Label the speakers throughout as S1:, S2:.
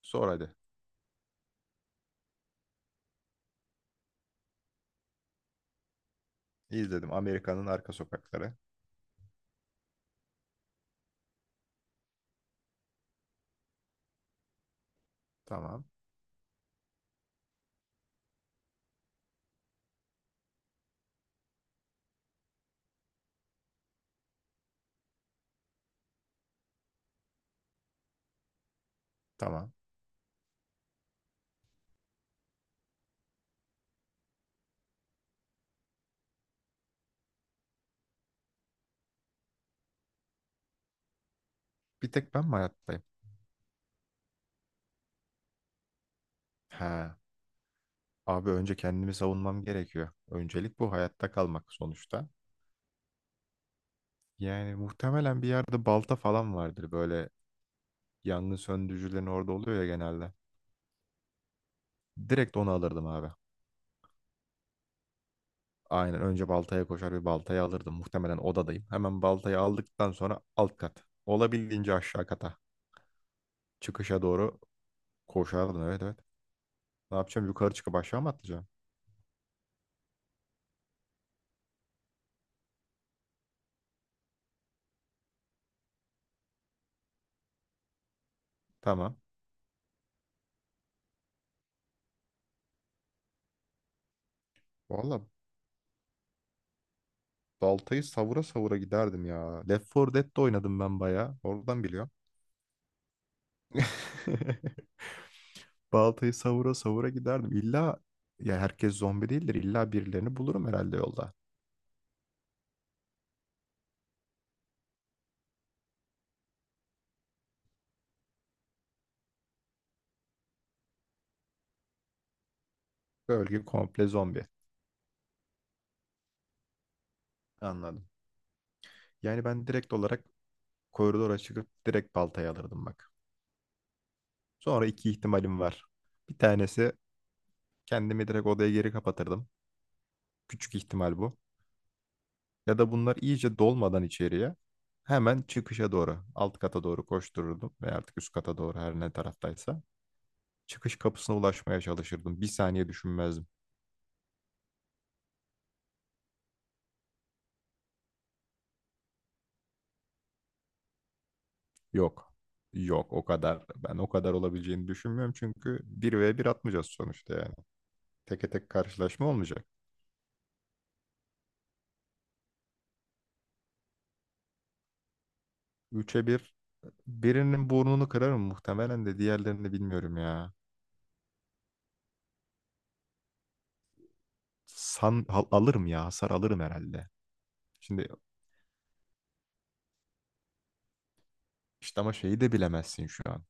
S1: Sor hadi. İzledim Amerika'nın arka sokakları. Tamam. Tamam. Bir tek ben mi hayattayım? Ha. Abi önce kendimi savunmam gerekiyor. Öncelik bu hayatta kalmak sonuçta. Yani muhtemelen bir yerde balta falan vardır. Böyle yangın söndürücülerin orada oluyor ya genelde. Direkt onu alırdım abi. Aynen önce baltaya koşar bir baltayı alırdım. Muhtemelen odadayım. Hemen baltayı aldıktan sonra alt kat. Olabildiğince aşağı kata. Çıkışa doğru koşardım. Evet evet. Ne yapacağım? Yukarı çıkıp aşağı mı atlayacağım? Tamam. Valla baltayı savura savura giderdim ya. Left 4 Dead'de oynadım ben bayağı. Oradan biliyorum. Baltayı savura savura giderdim. İlla ya herkes zombi değildir. İlla birilerini bulurum herhalde yolda. Bölge komple zombi. Anladım. Yani ben direkt olarak koridora çıkıp direkt baltayı alırdım bak. Sonra iki ihtimalim var. Bir tanesi kendimi direkt odaya geri kapatırdım. Küçük ihtimal bu. Ya da bunlar iyice dolmadan içeriye hemen çıkışa doğru, alt kata doğru koştururdum ve artık üst kata doğru her ne taraftaysa çıkış kapısına ulaşmaya çalışırdım. Bir saniye düşünmezdim. Yok. Yok o kadar. Ben o kadar olabileceğini düşünmüyorum çünkü bir ve bir atmayacağız sonuçta yani. Teke tek karşılaşma olmayacak. Üçe bir birinin burnunu kırarım muhtemelen de diğerlerini bilmiyorum ya. Alırım ya hasar alırım herhalde. Şimdi işte ama şeyi de bilemezsin şu an.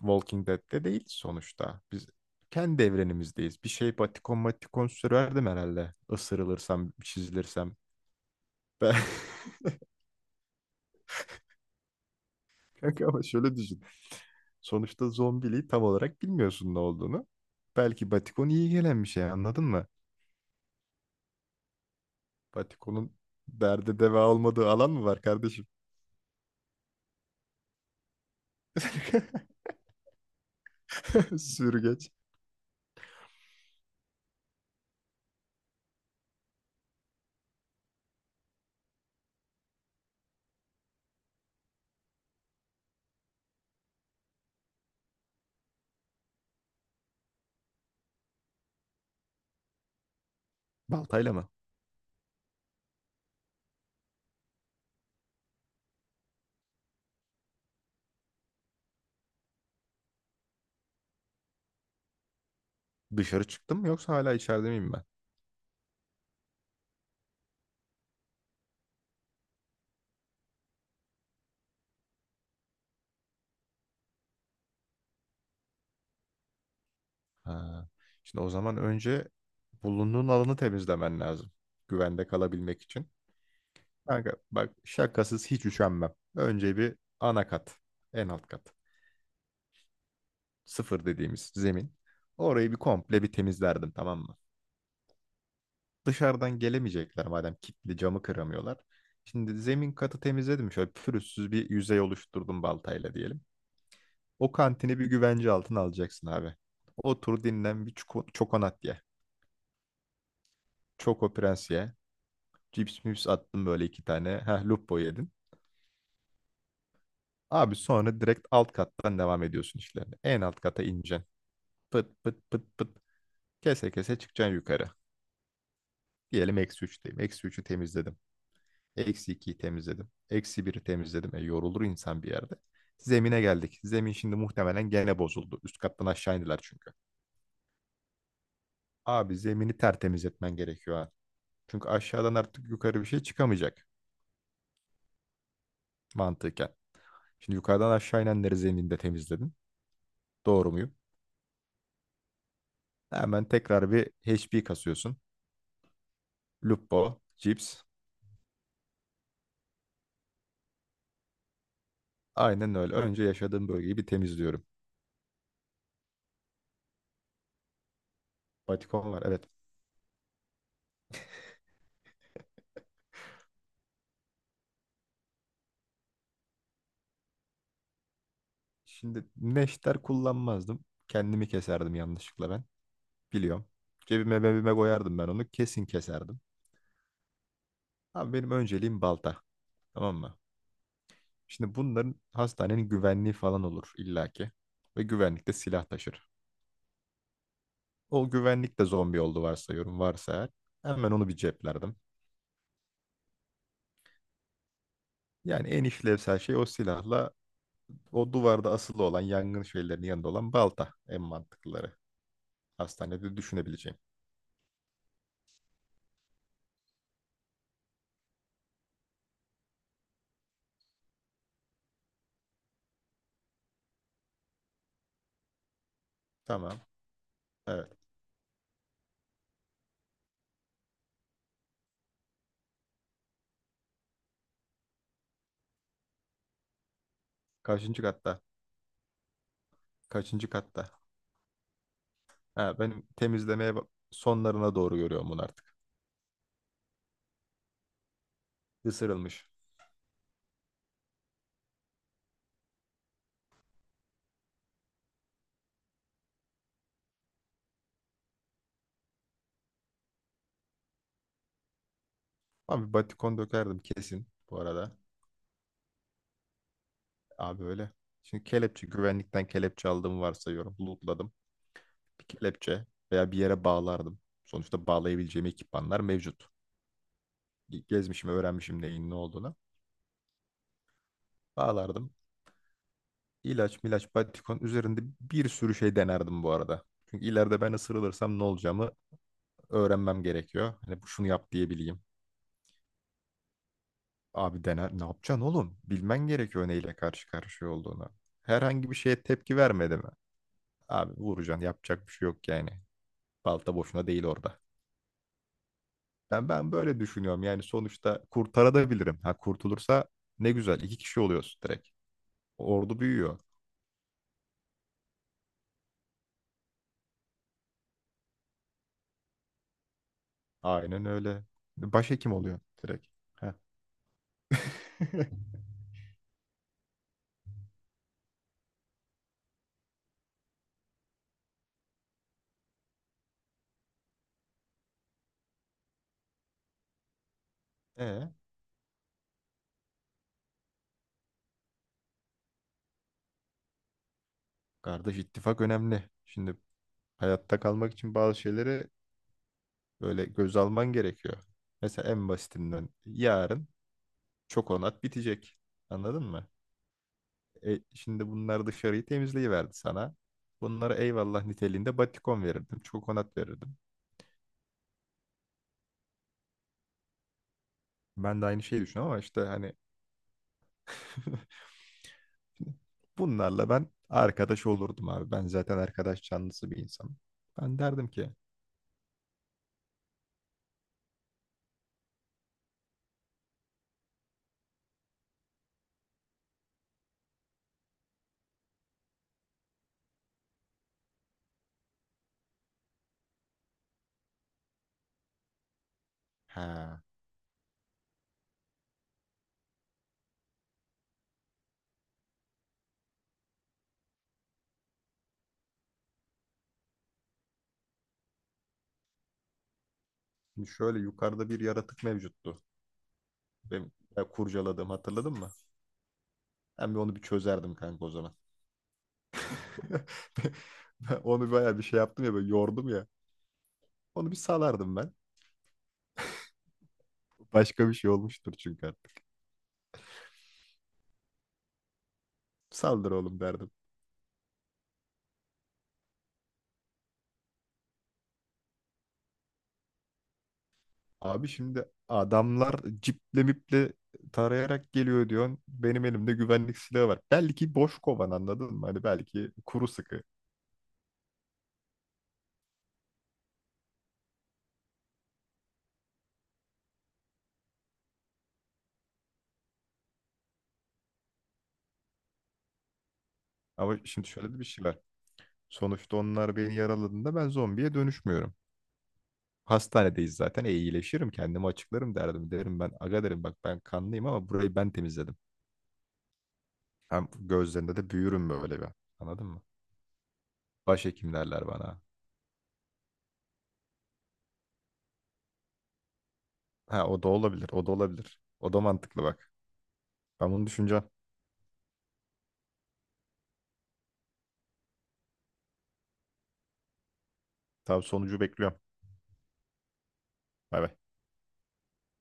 S1: Walking Dead'de değil sonuçta. Biz kendi evrenimizdeyiz. Bir şey batikon matikon sürerdim herhalde. Isırılırsam, çizilirsem. Ben. Kanka ama şöyle düşün. Sonuçta zombiliği tam olarak bilmiyorsun ne olduğunu. Belki batikon iyi gelen bir şey, anladın mı? Batikonun derde deva olmadığı alan mı var kardeşim? Sürgeç. Baltayla mı? Dışarı çıktım mı yoksa hala içeride miyim ben? Ha. Şimdi o zaman önce bulunduğun alanı temizlemen lazım. Güvende kalabilmek için. Kanka bak şakasız hiç üşenmem. Önce bir ana kat. En alt kat. Sıfır dediğimiz zemin. Orayı bir komple bir temizlerdim, tamam mı? Dışarıdan gelemeyecekler madem, kilitli camı kıramıyorlar. Şimdi zemin katı temizledim. Şöyle pürüzsüz bir yüzey oluşturdum baltayla diyelim. O kantini bir güvence altına alacaksın abi. Otur dinlen, bir çokonat ye. Çoko Prens ye. Cips mips attın böyle iki tane. Heh, lupo yedin. Abi sonra direkt alt kattan devam ediyorsun işlerine. En alt kata ineceksin. Pıt pıt pıt pıt. Kese kese çıkacaksın yukarı. Diyelim eksi üçteyim. Eksi üçü temizledim. Eksi ikiyi temizledim. Eksi biri temizledim. E, yorulur insan bir yerde. Zemine geldik. Zemin şimdi muhtemelen gene bozuldu. Üst kattan aşağı indiler çünkü. Abi zemini tertemiz etmen gerekiyor ha. Çünkü aşağıdan artık yukarı bir şey çıkamayacak mantıken. Şimdi yukarıdan aşağı inenleri zeminde temizledin. Doğru muyum? Hemen tekrar bir HP kasıyorsun. Lupo, Cips. Aynen öyle. Önce yaşadığım bölgeyi bir temizliyorum. Batikon var evet. Şimdi neşter kullanmazdım. Kendimi keserdim yanlışlıkla ben. Biliyorum. Cebime mebime koyardım ben onu. Kesin keserdim. Ama benim önceliğim balta. Tamam mı? Şimdi bunların hastanenin güvenliği falan olur illaki. Ve güvenlik de silah taşır. O güvenlik de zombi oldu varsayıyorum, varsa eğer. Hemen onu bir ceplerdim. Yani en işlevsel şey o silahla, o duvarda asılı olan yangın şeylerinin yanında olan balta en mantıklıları. Hastanede düşünebileceğim. Tamam. Evet. Kaçıncı katta? Kaçıncı katta? Ha, benim temizlemeye sonlarına doğru görüyorum bunu artık. Isırılmış. Abi batikon dökerdim kesin bu arada. Abi öyle. Şimdi kelepçe, güvenlikten kelepçe aldığımı varsayıyorum. Lootladım. Bir kelepçe veya bir yere bağlardım. Sonuçta bağlayabileceğim ekipmanlar mevcut. Gezmişim, öğrenmişim neyin ne olduğunu. Bağlardım. İlaç, milaç, batikon üzerinde bir sürü şey denerdim bu arada. Çünkü ileride ben ısırılırsam ne olacağımı öğrenmem gerekiyor. Hani bu, şunu yap diyebileyim. Abi dener, ne yapacaksın oğlum? Bilmen gerekiyor neyle karşı karşıya olduğunu. Herhangi bir şeye tepki vermedi mi? Abi vuracaksın, yapacak bir şey yok yani. Balta boşuna değil orada. Ben böyle düşünüyorum. Yani sonuçta kurtarabilirim. Ha kurtulursa ne güzel. İki kişi oluyoruz direkt. Ordu büyüyor. Aynen öyle. Başhekim oluyor direkt. Heh. E, kardeş ittifak önemli. Şimdi hayatta kalmak için bazı şeyleri böyle göz alman gerekiyor. Mesela en basitinden yarın çok onat bitecek. Anladın mı? E, şimdi bunlar dışarıyı temizleyiverdi sana. Bunlara eyvallah niteliğinde batikon verirdim. Çok onat verirdim. Ben de aynı şeyi düşünüyorum ama işte hani bunlarla ben arkadaş olurdum abi. Ben zaten arkadaş canlısı bir insanım. Ben derdim ki ha, şimdi şöyle yukarıda bir yaratık mevcuttu. Benim ya kurcaladığım, hatırladın mı? Ben bir onu bir çözerdim kanka o zaman. Ben onu bayağı bir şey yaptım ya, böyle yordum ya. Onu bir salardım ben. Başka bir şey olmuştur çünkü artık. Saldır oğlum derdim. Abi şimdi adamlar ciple miple tarayarak geliyor diyorsun. Benim elimde güvenlik silahı var. Belki boş kovan, anladın mı? Hani belki kuru sıkı. Ama şimdi şöyle de bir şey var. Sonuçta onlar beni yaraladığında ben zombiye dönüşmüyorum. Hastanedeyiz zaten. E, iyileşirim kendimi açıklarım derdim. Derim ben, aga derim bak, ben kanlıyım ama burayı ben temizledim. Hem gözlerinde de büyürüm böyle bir. Anladın mı? Başhekim derler bana. Ha o da olabilir. O da olabilir. O da mantıklı bak. Ben bunu düşüneceğim. Tabii sonucu bekliyorum. Bay bay.